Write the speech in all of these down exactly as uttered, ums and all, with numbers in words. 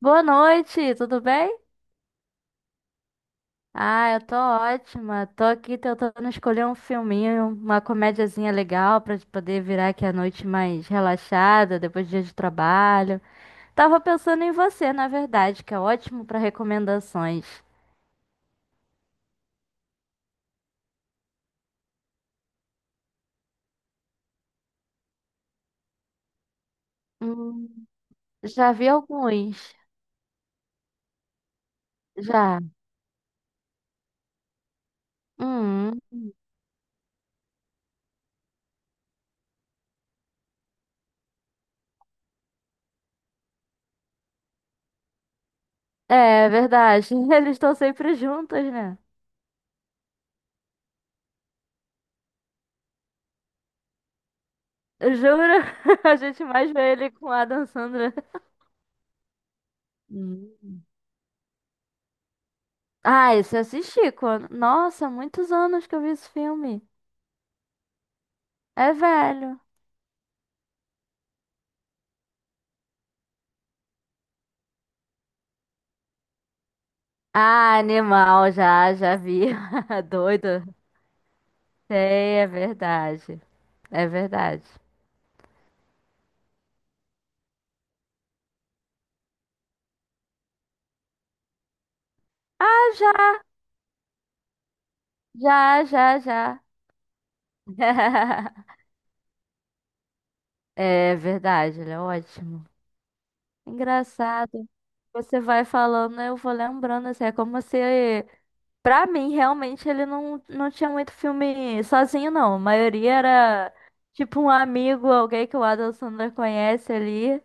Boa noite, tudo bem? Ah, eu tô ótima. Tô aqui tentando escolher um filminho, uma comediazinha legal pra poder virar aqui a noite mais relaxada, depois do dia de trabalho. Tava pensando em você, na verdade, que é ótimo pra recomendações. Hum, já vi alguns. Já. Hum, é verdade. Eles estão sempre juntos, né? Eu juro, a gente mais vê ele com a Adam Sandler. Hum. Ah, esse eu assisti quando. Nossa, muitos anos que eu vi esse filme. É velho. Ah, animal, já, já vi. Doido. Sei, é verdade. É verdade. Ah, já, já, já, já. É verdade, ele é ótimo. Engraçado. Você vai falando, eu vou lembrando, assim, é como se. Pra mim, realmente, ele não, não tinha muito filme sozinho, não. A maioria era tipo um amigo, alguém que o Adam Sandler conhece ali.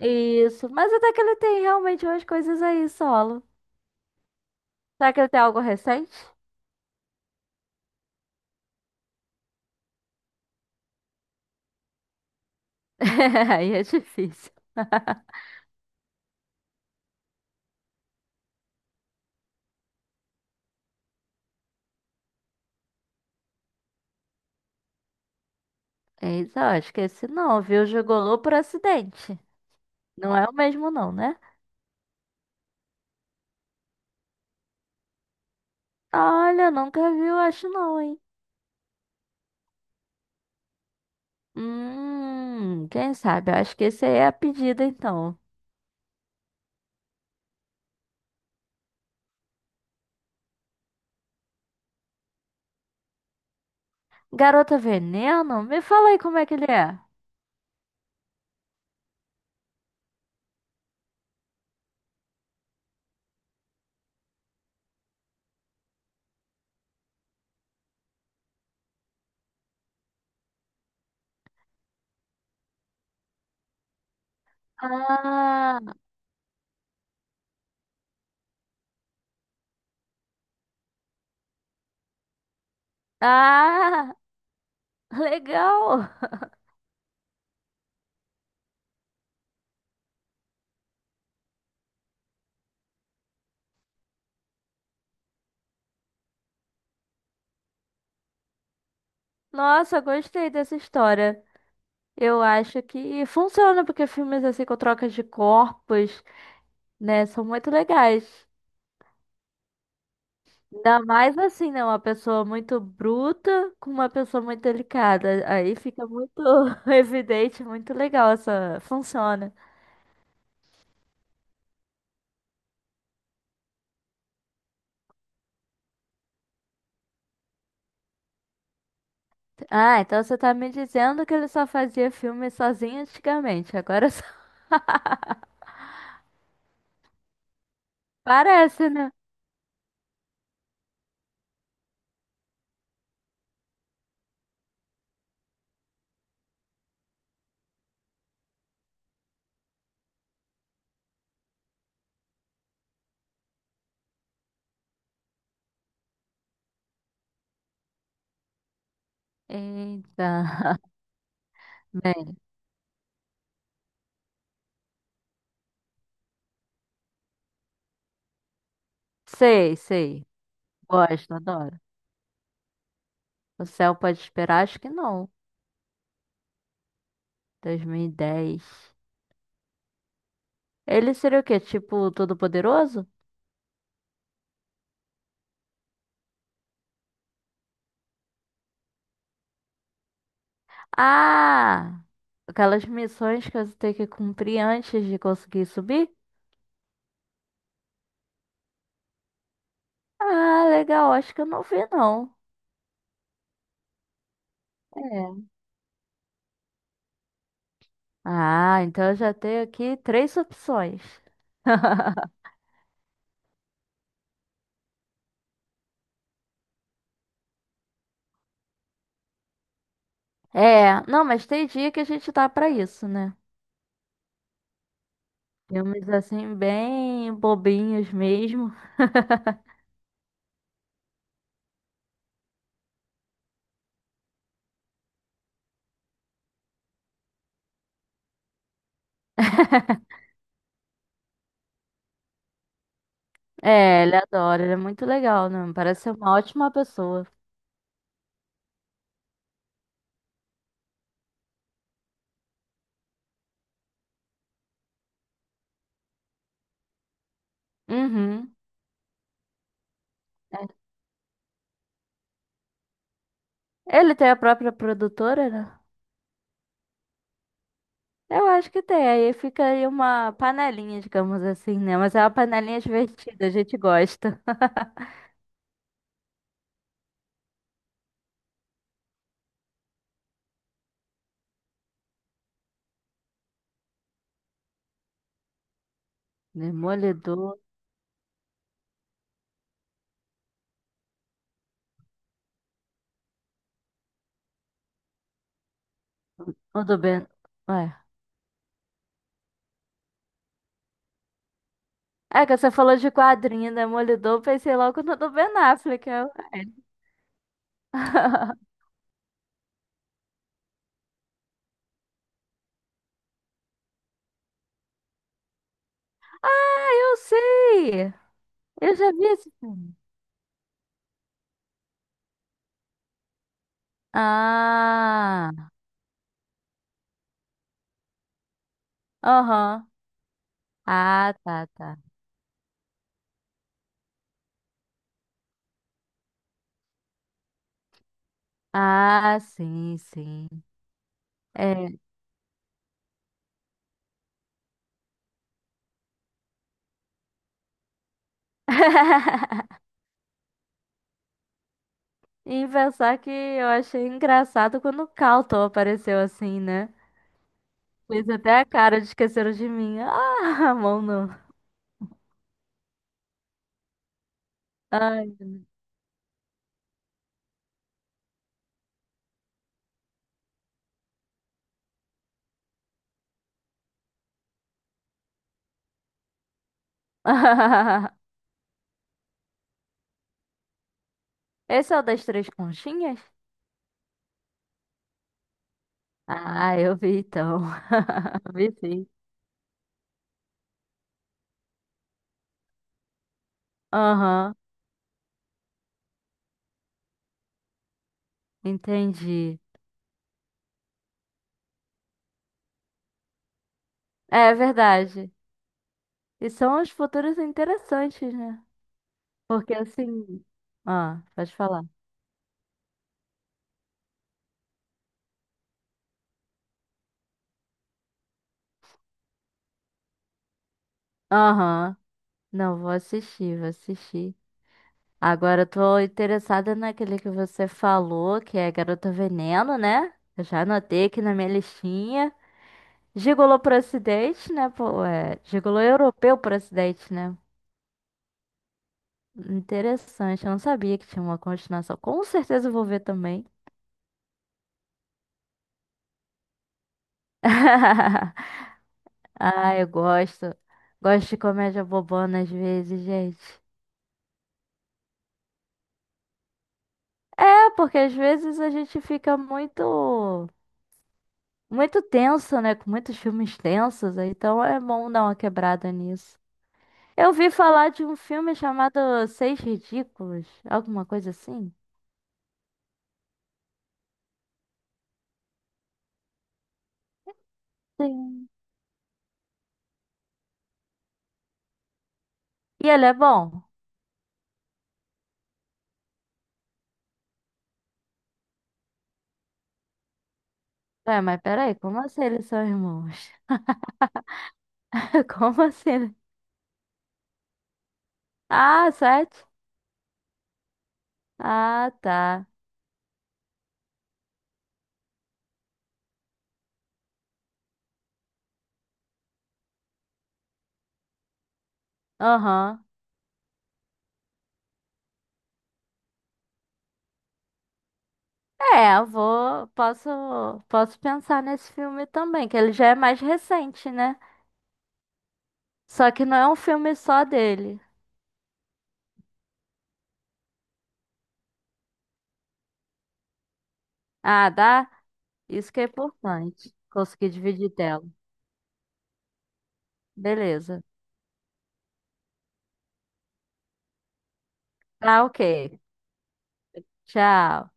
E isso. Mas até que ele tem realmente umas coisas aí solo. Será que ele tem algo recente? Aí é difícil. Eita, eu acho que esse não, viu? Gigolô por acidente. Não é o mesmo, não, né? Olha, nunca vi, eu acho, não, hein? Hum, quem sabe? Eu acho que esse aí é a pedida, então. Garota Veneno? Me fala aí como é que ele é. Ah, ah, legal. Nossa, gostei dessa história. Eu acho que funciona porque filmes assim com trocas de corpos, né, são muito legais. Ainda mais assim, né, uma pessoa muito bruta com uma pessoa muito delicada. Aí fica muito evidente, muito legal essa, funciona. Ah, então você tá me dizendo que ele só fazia filme sozinho antigamente, agora só. Parece, né? Eita. Bem, sei, sei. Gosto, adoro. O céu pode esperar? Acho que não. dois mil e dez. Ele seria o quê? Tipo, todo-poderoso? Ah! Aquelas missões que você tem que cumprir antes de conseguir subir? Ah, legal. Acho que eu não vi, não. É. Ah, então eu já tenho aqui três opções. É, não, mas tem dia que a gente dá pra isso, né? Filmes assim, bem bobinhos mesmo. É, ele adora, ele é muito legal, né? Parece ser uma ótima pessoa. Uhum. É. Ele tem a própria produtora, né? Eu acho que tem. Aí fica aí uma panelinha, digamos assim, né? Mas é uma panelinha divertida, a gente gosta. Demolidor. O do Ben. Ué. É que você falou de quadrinho, Demolidor, pensei logo no do Ben Affleck. eu- Ah, eu sei! Eu já vi esse filme. Ah, aham. Ah, tá, tá. Ah, sim, sim. É. Em pensar que eu achei engraçado quando o Calton apareceu assim, né? Fez até a cara de esqueceram de mim. Ah, mão não. Ai, meu Deus. Esse é o das três conchinhas? Ah, eu vi então. Vi sim. Aham, entendi. É verdade. E são os futuros interessantes, né? Porque assim. Ah, pode falar. Aham. Não, vou assistir, vou assistir. Agora eu tô interessada naquele que você falou, que é Garota Veneno, né? Eu já anotei aqui na minha listinha. Gigolô pro Ocidente, né? Pô, é, Gigolô europeu pro Ocidente, né? Interessante, eu não sabia que tinha uma continuação. Com certeza eu vou ver também. Ah, eu gosto. Gosto de comédia bobona às vezes, gente. Porque às vezes a gente fica muito, muito tenso, né? Com muitos filmes tensos, aí então é bom dar uma quebrada nisso. Eu vi falar de um filme chamado Seis Ridículos, alguma coisa assim. Sim. E ele é bom? Ué, mas peraí, como assim eles são irmãos? Como assim? ele- Ah, sete? Ah, tá. Aham. É, eu vou. Posso, posso pensar nesse filme também, que ele já é mais recente, né? Só que não é um filme só dele. Ah, dá? Isso que é importante. Consegui dividir tela. Beleza. Tá, ok. Tchau.